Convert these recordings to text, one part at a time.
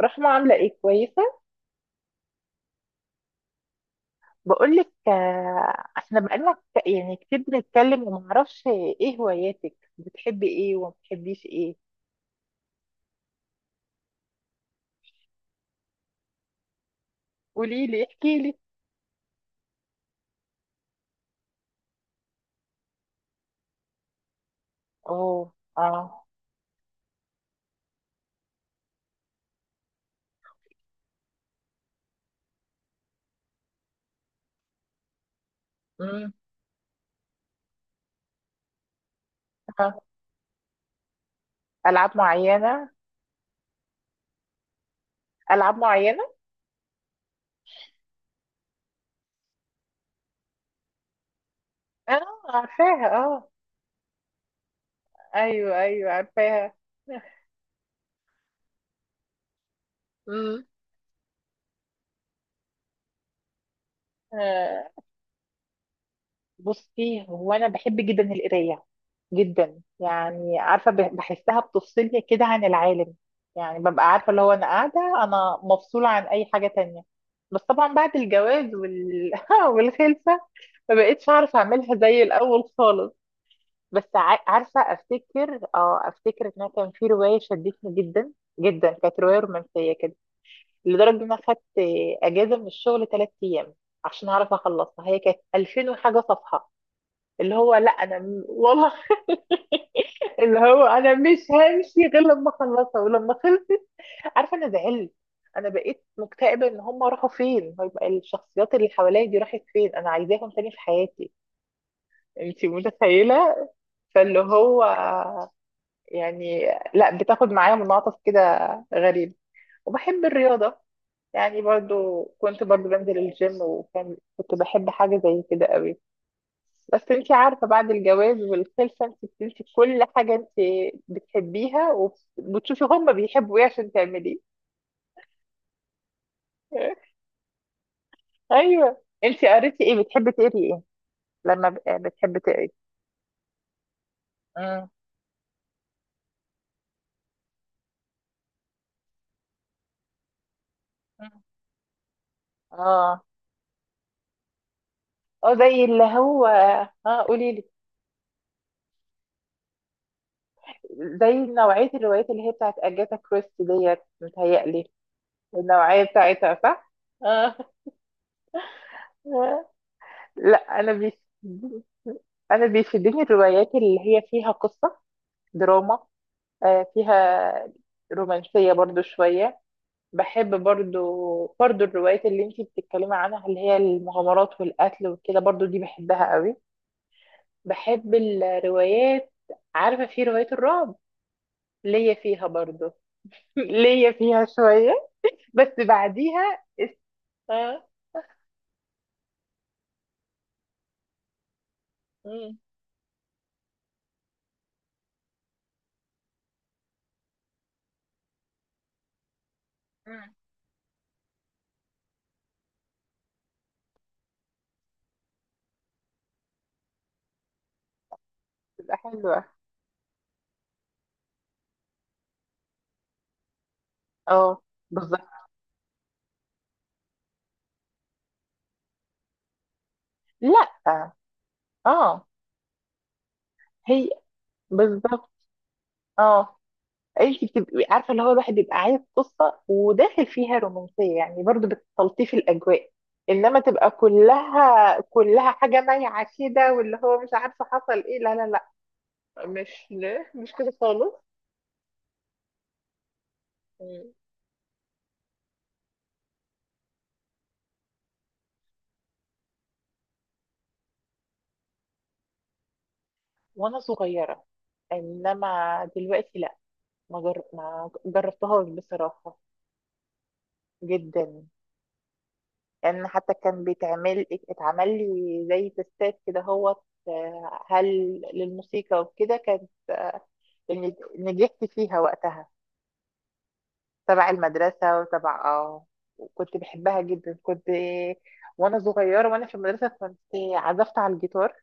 رحمة، عاملة ايه؟ كويسة. بقولك، احنا بقالنا يعني كتير بنتكلم ومعرفش ايه هواياتك؟ بتحبي ايه وما بتحبيش ايه؟ قوليلي، احكيلي. اوه، اه. امم. آه. العاب معينة؟ العاب معينة. اه، عارفاها، اه. ايوه، ايوه، عارفاها. امم. بصي، هو انا بحب جدا القرايه. جدا، يعني عارفه بحسها بتفصلني كده عن العالم. يعني ببقى عارفه اللي هو انا قاعده، انا مفصوله عن اي حاجه تانية. بس طبعا بعد الجواز والخلفه. ما بقتش اعرف اعملها زي الاول خالص. بس عارفه افتكر ان أنا كان في روايه شدتني جدا. جدا، كانت روايه رومانسيه كده، لدرجه ان انا خدت اجازه من الشغل ثلاث ايام عشان اعرف اخلصها. هي كانت 2000 وحاجه صفحه. اللي هو لا، انا والله، اللي هو انا مش همشي غير لما اخلصها. ولما خلصت عارفه انا زعلت، انا بقيت مكتئبه. ان هم راحوا فين؟ طيب الشخصيات اللي حواليا دي راحت فين؟ انا عايزاهم تاني في حياتي. انت متخيله؟ فاللي هو، يعني، لا بتاخد معايا منعطف كده غريب. وبحب الرياضه، يعني برضو كنت، برضو بنزل الجيم، وكان كنت بحب حاجه زي كده قوي. بس انت عارفة، بعد الجواز والخلفة، انت بتنسي كل حاجة انت بتحبيها، وبتشوفي هما بيحبوا ايه عشان تعمليه. ايوه، انت قريتي ايه؟ بتحبي تقري ايه؟ لما بتحبي تقري. مم. اه، اه، زي اللي هو. اه، قولي لي. زي نوعية الروايات اللي هي بتاعت أجاثا كريستي ديت، متهيألي. النوعية بتاعتها صح؟ اه. لا، أنا أنا بيفيدني الروايات اللي هي فيها قصة، دراما، فيها رومانسية برضو شوية. بحب، برضو، برضو الروايات اللي انتي بتتكلمي عنها، اللي هي المغامرات والقتل وكده، برضو دي بحبها قوي. بحب الروايات. عارفة في رواية الرعب ليا فيها برضو. ليا فيها شوية، بس بعديها است... آه، مم، مم، تبقى حلوة. اه، بالظبط. لا، اه، هي بالظبط. اه، انت بتبقي عارفه اللي هو الواحد بيبقى عايز قصه، وداخل فيها رومانسيه، يعني برضو بتلطيف الاجواء. انما تبقى كلها كلها حاجه مايعه كده، واللي هو مش عارفه حصل ايه، لا، لا، لا، مش لا، مش كده خالص. مم. وانا صغيره، انما دلوقتي لا، ما جربتهاش بصراحه. جدا، يعني حتى كان بيتعمل، اتعمل لي زي تستات كده، هو، هل، للموسيقى وكده، كانت اللي نجحت فيها وقتها تبع المدرسة وتبع، وكنت بحبها جدا، كنت، وانا صغيرة وانا في المدرسة. كنت عزفت على الجيتار،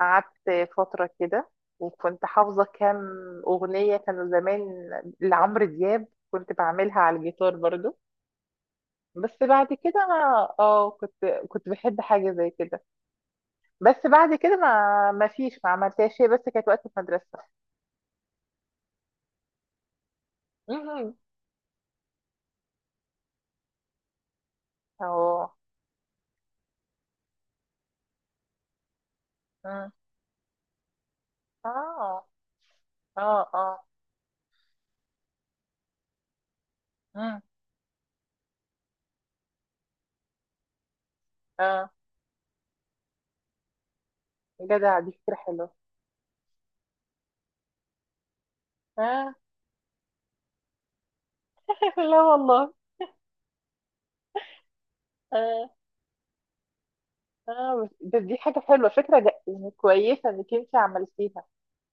قعدت فترة كده، وكنت حافظة كام أغنية كانوا زمان لعمرو دياب، كنت بعملها على الجيتار برضو. بس بعد كده انا، كنت بحب حاجة زي كده، بس بعد كده ما فيش، ما عملتهاش شيء، بس كانت وقت المدرسة. مهم. اه. مم. اه، اه، اه، اه، جدع، دي فكرة حلوة. اه. لا، والله. اه، اه، بس دي حاجة حلوة. فكرة يعني كويسة انك انت عملتيها،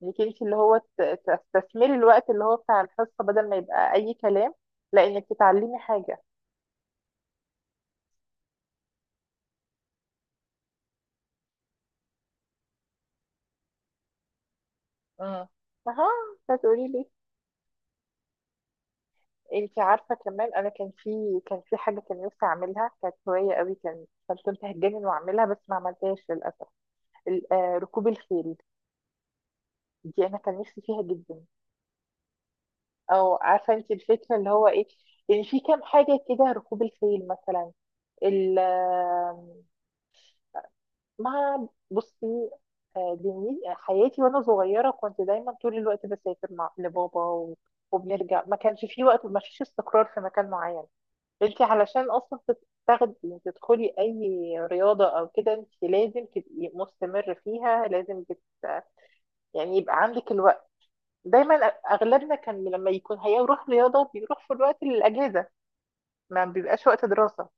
انك انت اللي هو تستثمري الوقت اللي هو بتاع الحصة، بدل ما يبقى اي كلام، لا، انك تتعلمي حاجة. امم اها، هتقولي لي. انت عارفة كمان، انا كان في، كان في حاجة كان نفسي اعملها، كانت هواية قوي، كان كان كنت هتجنن واعملها، بس ما عملتهاش للأسف. ركوب الخيل، دي انا كان نفسي فيها جدا. او عارفه انت الفكره اللي هو ايه؟ يعني في كام حاجه كده، ركوب الخيل مثلا، ال- آم، بصي، حياتي وانا صغيره كنت دايما طول الوقت بسافر مع لبابا، وبنرجع. ما كانش في وقت، ما فيش استقرار في مكان معين. انت علشان اصلا تت- تاخدي تدخلي اي رياضه او كده، انت لازم تبقي مستمر فيها، لازم يعني يبقى عندك الوقت دايما. اغلبنا كان لما يكون هيروح رياضه بيروح في الوقت الاجازه، ما بيبقاش وقت دراسة.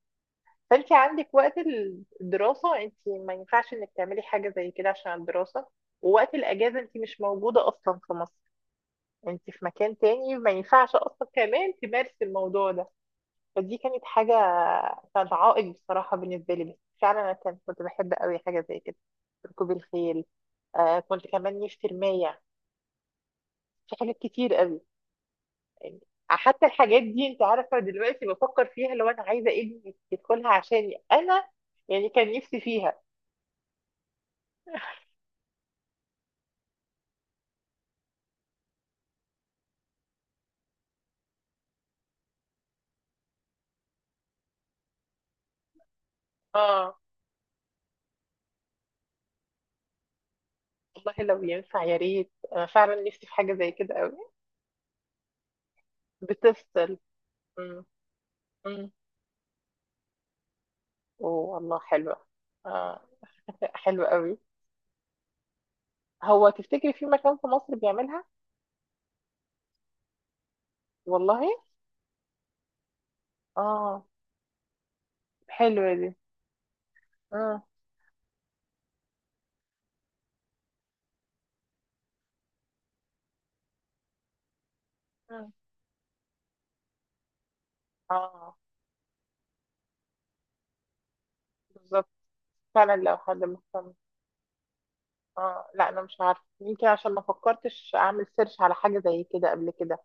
فانت عندك وقت الدراسة، انت ما ينفعش انك تعملي حاجة زي كده عشان الدراسة. ووقت الأجازة انت مش موجودة أصلا في مصر، انت في مكان تاني، ما ينفعش أصلا كمان تمارسي الموضوع ده. فدي كانت حاجة، كانت عائق بصراحة بالنسبة لي. بس فعلا أنا كنت بحب قوي حاجة زي كده، ركوب الخيل. كنت كمان نفسي الماية، في حاجات كتير قوي. يعني حتى الحاجات دي انت عارفة، دلوقتي بفكر فيها لو أنا عايزة ابني يدخلها عشان أنا يعني كان نفسي فيها. اه، والله، لو ينفع يا ريت، انا فعلا نفسي في حاجه زي كده قوي. بتفصل. امم، امم. اوه، والله حلوه. اه. حلوه قوي. هو تفتكري في مكان في مصر بيعملها؟ والله. اه. حلوه دي. امم. اه، بالظبط. فعلا لو حد مهتم. اه، لا، انا مش عارفه. يمكن عشان ما فكرتش اعمل سيرش على حاجه زي كده قبل كده.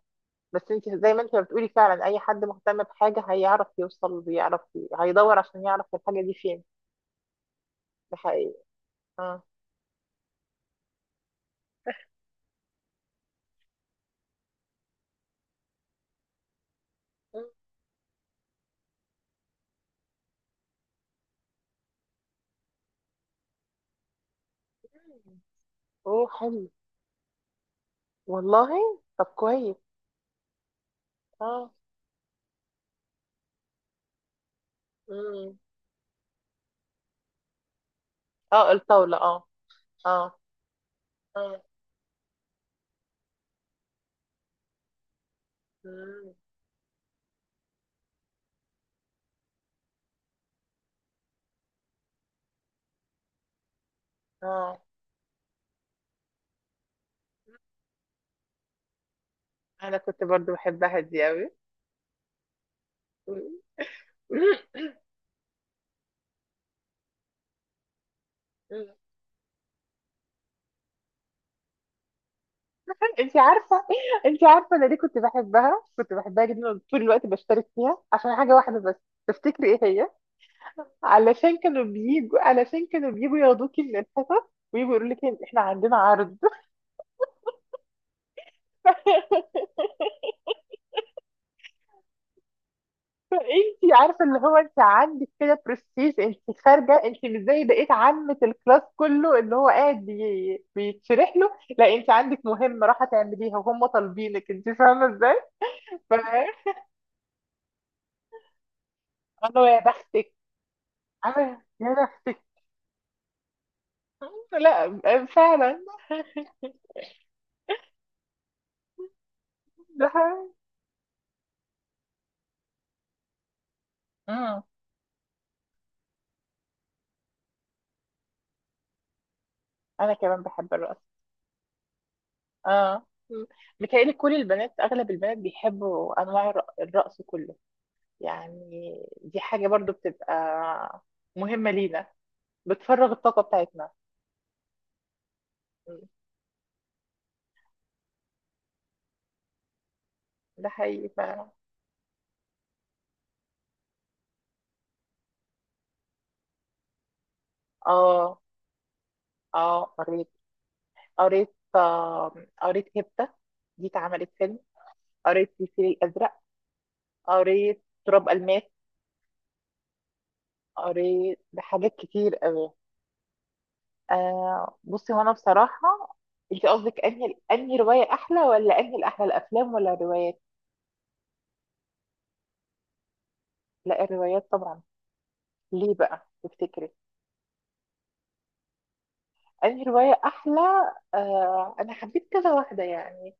بس انت زي ما انت بتقولي، فعلا اي حد مهتم بحاجه هيعرف يوصل ويعرف هيدور عشان يعرف الحاجه دي فين. ده حقيقي. اه. مم. اوه، حلو. والله طب كويس. اه. مم. اه، الطاولة، اه. اه، اه. مم. اه، انا كنت برضو بحبها دي اوي. مم. انت عارفة، انا ليه كنت بحبها، جدا طول الوقت بشترك فيها عشان حاجة واحدة بس. تفتكري ايه هي؟ علشان كانوا بيجوا ياخدوكي من الحصص ويجوا يقولوا لك احنا عندنا عرض. انت عارفه اللي هو انت عندك كده برستيج، انت خارجه، انت مش زي بقيه عامه الكلاس كله اللي هو قاعد بيتشرح له، لا انت عندك مهمه راح تعمليها وهم طالبينك. انت فاهمه ازاي؟ ف- انا يا بختك، انا يا بختك. لا، فعلا. ده، امم. انا كمان بحب الرقص. اه. مم. متهيألي كل البنات، اغلب البنات بيحبوا انواع الرقص كله يعني. دي حاجه برضو بتبقى مهمه لينا، بتفرغ الطاقة بتاعتنا. م. ده حقيقي فعلا. اه، اه، قريت. قريت، قريت هبتة، دي اتعملت فيلم. قريت الفيل الأزرق. قريت تراب الماس. قريت حاجات كتير قوي. بصي، هو انا بصراحة. انت قصدك انهي رواية احلى ولا انهي، الاحلى الافلام ولا الروايات؟ لا، الروايات طبعا. ليه بقى تفتكري؟ انهي رواية احلى؟ انا حبيت كذا واحدة يعني.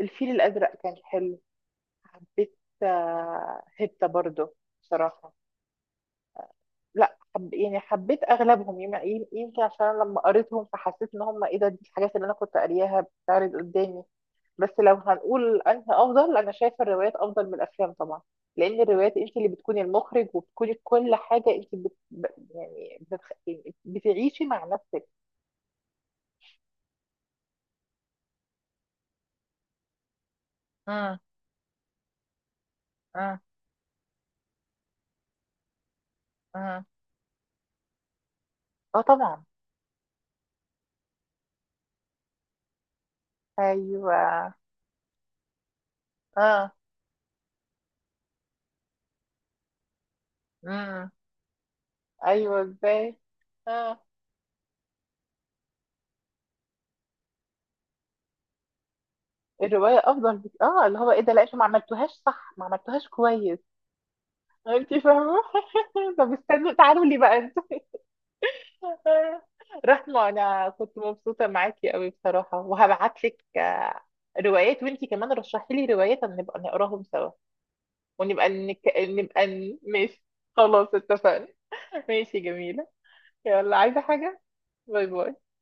الفيل الازرق كان حلو. حبيت، هبتة برضو. بصراحة، لا، حب، يعني، حبيت اغلبهم، يمكن عشان أنا لما قريتهم فحسيت ان هم ايه ده، دي الحاجات اللي انا كنت قارياها بتعرض قدامي. بس لو هنقول انهي افضل، انا شايفة الروايات افضل من الافلام طبعا، لان الروايات انت اللي بتكوني المخرج وبتكوني كل حاجة. انت بت... ب- يعني بتخ... يعني بتعيشي مع نفسك. اه، اه، اه، اه، طبعا. ايوه، اه. امم، ايوه، ازاي؟ اه. الرواية أفضل بك... آه اللي هو إيه ده، لا أنتوا ما عملتوهاش صح، ما عملتوهاش كويس. أنت فاهمة. طب استنوا، تعالوا لي بقى أنتوا. رحمة، أنا كنت مبسوطة معاكي قوي بصراحة، وهبعت لك روايات، وأنت كمان رشحي لي روايات أما نبقى نقراهم سوا، ونبقى ماشي. خلاص اتفقنا. ماشي، جميلة. يلا، عايزة حاجة؟ باي باي.